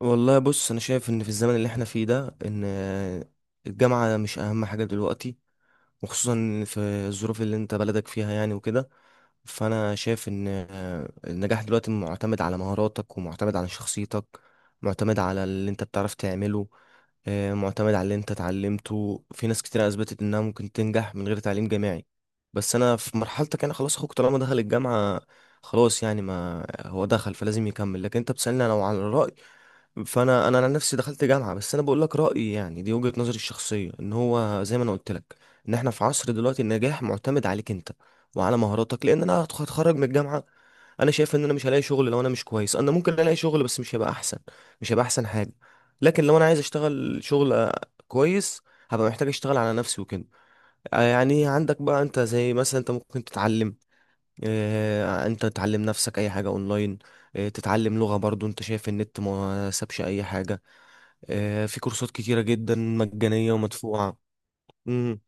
والله بص، انا شايف ان في الزمن اللي احنا فيه ده، ان الجامعة مش اهم حاجة دلوقتي، وخصوصا في الظروف اللي انت بلدك فيها يعني وكده. فانا شايف ان النجاح دلوقتي معتمد على مهاراتك، ومعتمد على شخصيتك، معتمد على اللي انت بتعرف تعمله، معتمد على اللي انت اتعلمته. في ناس كتير اثبتت انها ممكن تنجح من غير تعليم جامعي. بس انا في مرحلتك، انا خلاص اخوك طالما دخل الجامعة خلاص، يعني ما هو دخل فلازم يكمل. لكن انت بتسألني لو على الرأي، فانا عن نفسي دخلت جامعة، بس انا بقول لك رأيي يعني، دي وجهة نظري الشخصية. ان هو زي ما انا قلت لك، ان احنا في عصر دلوقتي النجاح معتمد عليك انت وعلى مهاراتك. لان انا هتخرج من الجامعة، انا شايف ان انا مش هلاقي شغل. لو انا مش كويس، انا ممكن الاقي شغل بس مش هيبقى احسن مش هيبقى احسن حاجه. لكن لو انا عايز اشتغل شغل كويس، هبقى محتاج اشتغل على نفسي وكده. يعني عندك بقى انت، زي مثلا انت ممكن تتعلم، انت تتعلم نفسك اي حاجه اونلاين. تتعلم لغه. برضو انت شايف النت ما سابش اي حاجه، في كورسات كتيره جدا مجانيه ومدفوعه. امم.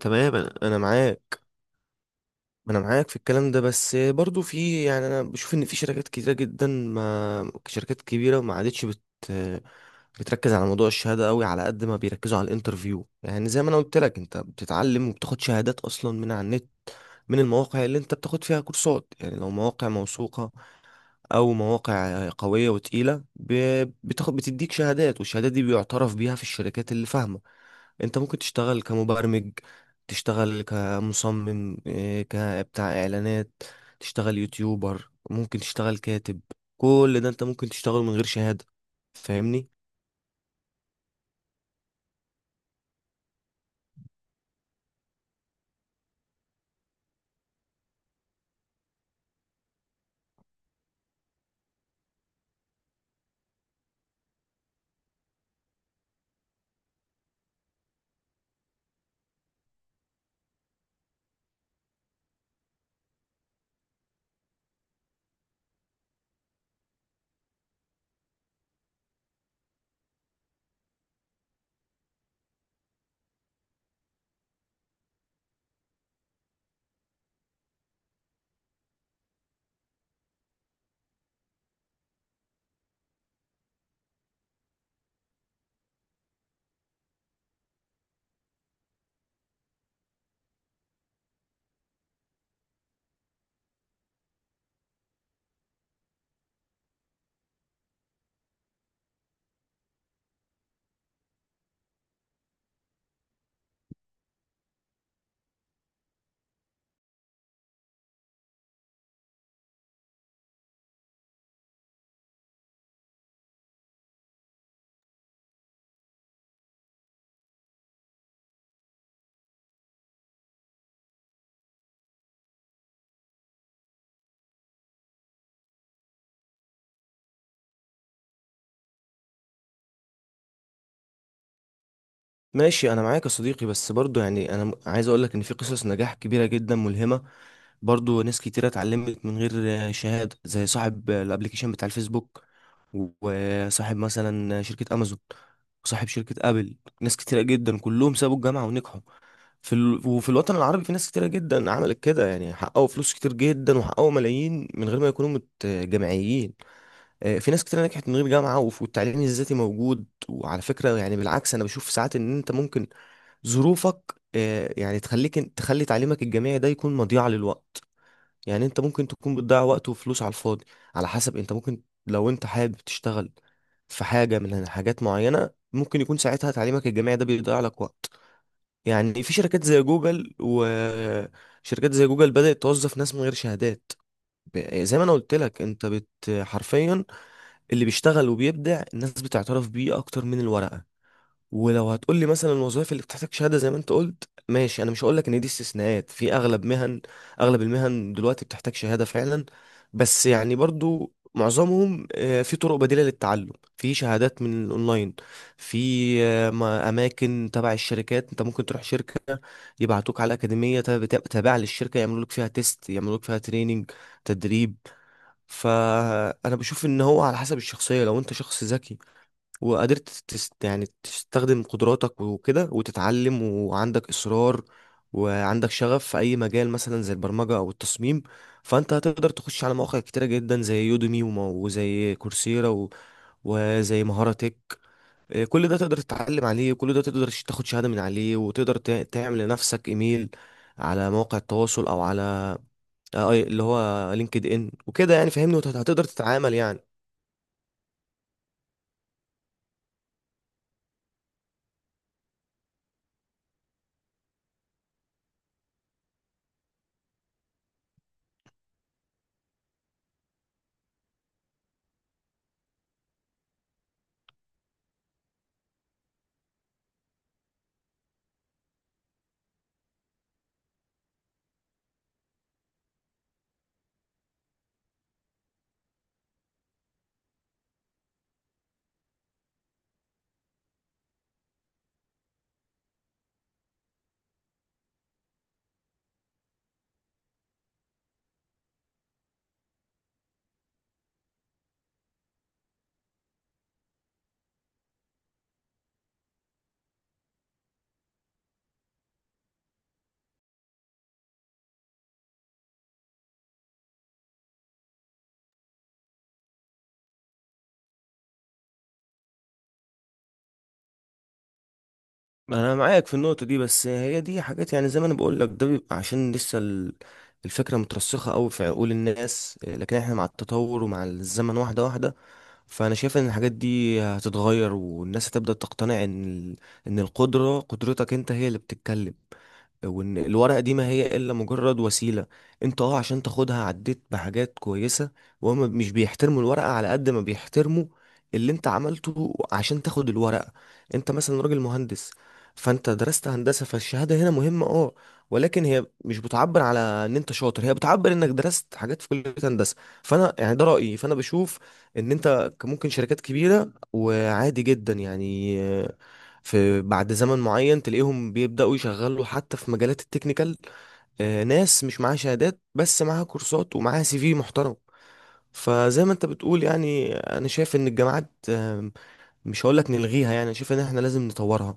تمام، انا معاك. ما انا معاك في الكلام ده، بس برضو في يعني، انا بشوف ان في شركات كتيره جدا، ما شركات كبيره ما عادتش بتركز على موضوع الشهاده قوي على قد ما بيركزوا على الانترفيو. يعني زي ما انا قلت لك، انت بتتعلم وبتاخد شهادات اصلا من على النت، من المواقع اللي انت بتاخد فيها كورسات، يعني لو مواقع موثوقه او مواقع قويه وتقيله، بتاخد بتديك شهادات، والشهادات دي بيعترف بيها في الشركات اللي فاهمه. انت ممكن تشتغل كمبرمج، تشتغل كمصمم، كبتاع اعلانات، تشتغل يوتيوبر، ممكن تشتغل كاتب. كل ده انت ممكن تشتغله من غير شهاده، فاهمني. ماشي، انا معاك يا صديقي، بس برضو يعني انا عايز اقولك ان في قصص نجاح كبيره جدا ملهمه، برضو ناس كتيرة اتعلمت من غير شهادة، زي صاحب الابليكيشن بتاع الفيسبوك، وصاحب مثلا شركة امازون، وصاحب شركة ابل. ناس كتيرة جدا كلهم سابوا الجامعة ونجحوا وفي الوطن العربي، في ناس كتيرة جدا عملت كده، يعني حققوا فلوس كتير جدا وحققوا ملايين من غير ما يكونوا جامعيين. في ناس كتيرة نجحت من غير جامعة، والتعليم الذاتي موجود. وعلى فكرة، يعني بالعكس، انا بشوف ساعات ان انت ممكن ظروفك يعني تخليك، تخلي تعليمك الجامعي ده يكون مضيعة للوقت. يعني انت ممكن تكون بتضيع وقت وفلوس على الفاضي، على حسب. انت ممكن لو انت حابب تشتغل في حاجة من حاجات معينة، ممكن يكون ساعتها تعليمك الجامعي ده بيضيع لك وقت. يعني في شركات زي جوجل، وشركات زي جوجل بدأت توظف ناس من غير شهادات. زي ما انا قلت لك، انت بت حرفيا اللي بيشتغل وبيبدع الناس بتعترف بيه اكتر من الورقة. ولو هتقول لي مثلا الوظائف اللي بتحتاج شهاده زي ما انت قلت، ماشي، انا مش هقول لك ان دي استثناءات في اغلب مهن. اغلب المهن دلوقتي بتحتاج شهاده فعلا، بس يعني برضو معظمهم في طرق بديله للتعلم، في شهادات من الاونلاين، في اماكن تبع الشركات. انت ممكن تروح شركه يبعتوك على اكاديميه تابعه للشركه، يعملوا لك فيها تيست، يعملوا لك فيها تريننج، تدريب. فانا بشوف ان هو على حسب الشخصيه. لو انت شخص ذكي وقدرت يعني تستخدم قدراتك وكده وتتعلم، وعندك إصرار وعندك شغف في أي مجال، مثلا زي البرمجة أو التصميم، فأنت هتقدر تخش على مواقع كتيرة جدا، زي يوديمي وزي كورسيرا وزي مهارة تك. كل ده تقدر تتعلم عليه، وكل ده تقدر تاخد شهادة من عليه، وتقدر تعمل لنفسك إيميل على مواقع التواصل، أو على اللي هو لينكد إن وكده، يعني فاهمني، وهتقدر تتعامل يعني. انا معاك في النقطه دي، بس هي دي حاجات. يعني زي ما انا بقول لك، ده بيبقى عشان لسه الفكره مترسخه قوي في عقول الناس، لكن احنا مع التطور ومع الزمن واحده واحده. فانا شايف ان الحاجات دي هتتغير، والناس هتبدأ تقتنع ان ان قدرتك انت هي اللي بتتكلم، وان الورقة دي ما هي الا مجرد وسيلة انت عشان تاخدها عديت بحاجات كويسة. وهم مش بيحترموا الورقة على قد ما بيحترموا اللي انت عملته عشان تاخد الورقة. انت مثلا راجل مهندس، فانت درست هندسة، فالشهادة هنا مهمة، ولكن هي مش بتعبر على ان انت شاطر، هي بتعبر انك درست حاجات في كلية هندسة. فانا يعني ده رأيي، فانا بشوف ان انت ممكن، شركات كبيرة وعادي جدا يعني، في بعد زمن معين تلاقيهم بيبدأوا يشغلوا حتى في مجالات التكنيكال، ناس مش معاها شهادات بس معاها كورسات ومعاها سي في محترم. فزي ما انت بتقول، يعني انا شايف ان الجامعات مش هقول لك نلغيها، يعني انا شايف ان احنا لازم نطورها.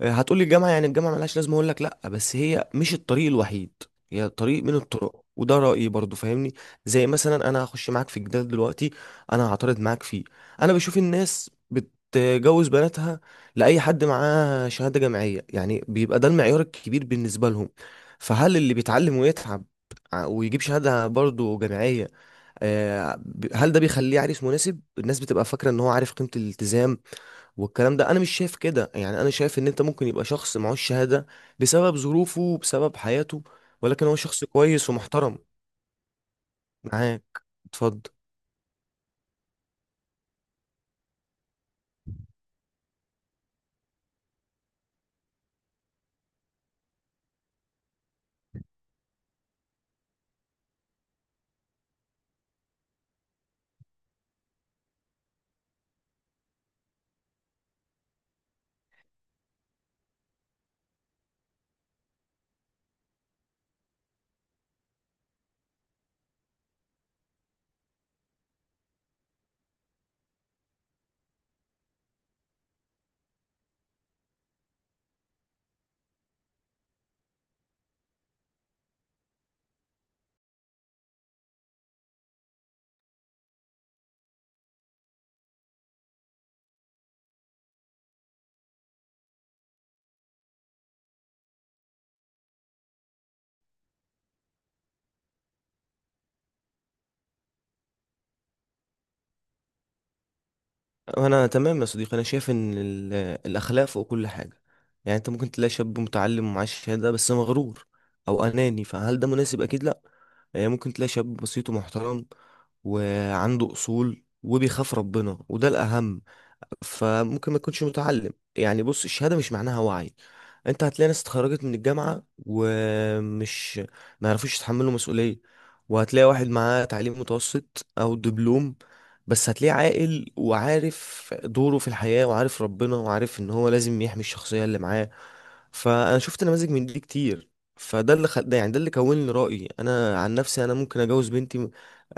هتقولي الجامعة يعني الجامعة ملهاش لازمة، أقول لك لأ بس هي مش الطريق الوحيد، هي طريق من الطرق، وده رأيي برضو، فاهمني. زي مثلا أنا هخش معاك في جدال دلوقتي، أنا هعترض معاك فيه. أنا بشوف الناس بتجوز بناتها لأي حد معاه شهادة جامعية، يعني بيبقى ده المعيار الكبير بالنسبة لهم. فهل اللي بيتعلم ويتعب ويجيب شهادة برضو جامعية، هل ده بيخليه عريس مناسب؟ الناس بتبقى فاكرة إن هو عارف قيمة الالتزام، والكلام ده انا مش شايف كده. يعني انا شايف ان انت ممكن يبقى شخص معهوش شهادة بسبب ظروفه وبسبب حياته، ولكن هو شخص كويس ومحترم. معاك، اتفضل. انا تمام يا صديقي، انا شايف ان الاخلاق فوق كل حاجة. يعني انت ممكن تلاقي شاب متعلم ومعاه شهادة بس مغرور او اناني، فهل ده مناسب؟ اكيد لا. يعني ممكن تلاقي شاب بسيط ومحترم وعنده اصول وبيخاف ربنا، وده الاهم. فممكن ما تكونش متعلم يعني. بص، الشهادة مش معناها وعي. انت هتلاقي ناس اتخرجت من الجامعة ومش ما يعرفوش يتحملوا مسؤولية، وهتلاقي واحد معاه تعليم متوسط او دبلوم، بس هتلاقيه عاقل وعارف دوره في الحياة وعارف ربنا وعارف ان هو لازم يحمي الشخصية اللي معاه. فانا شفت نماذج من دي كتير. ده يعني ده اللي كون لي رأيي. انا عن نفسي انا ممكن اجوز بنتي،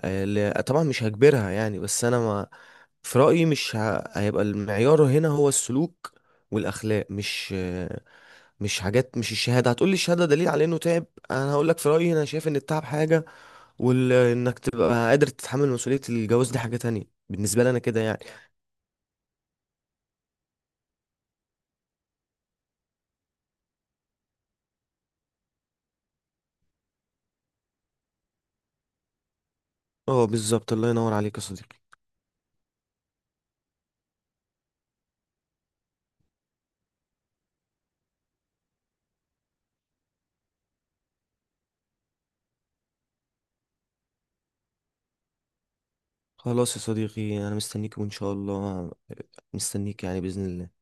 طبعا مش هجبرها يعني، بس انا ما في رأيي، مش ه... هيبقى المعيار هنا هو السلوك والأخلاق، مش مش حاجات مش الشهادة. هتقولي الشهادة دليل على إنه تعب، أنا هقولك في رأيي، أنا شايف إن التعب حاجة، وإنك تبقى قادر تتحمل مسؤولية الجواز دي حاجة تانية. بالنسبة لي أنا كده يعني. اه، بالظبط، الله ينور عليك يا صديقي. خلاص يا صديقي، أنا مستنيك وإن شاء الله، مستنيك يعني بإذن الله.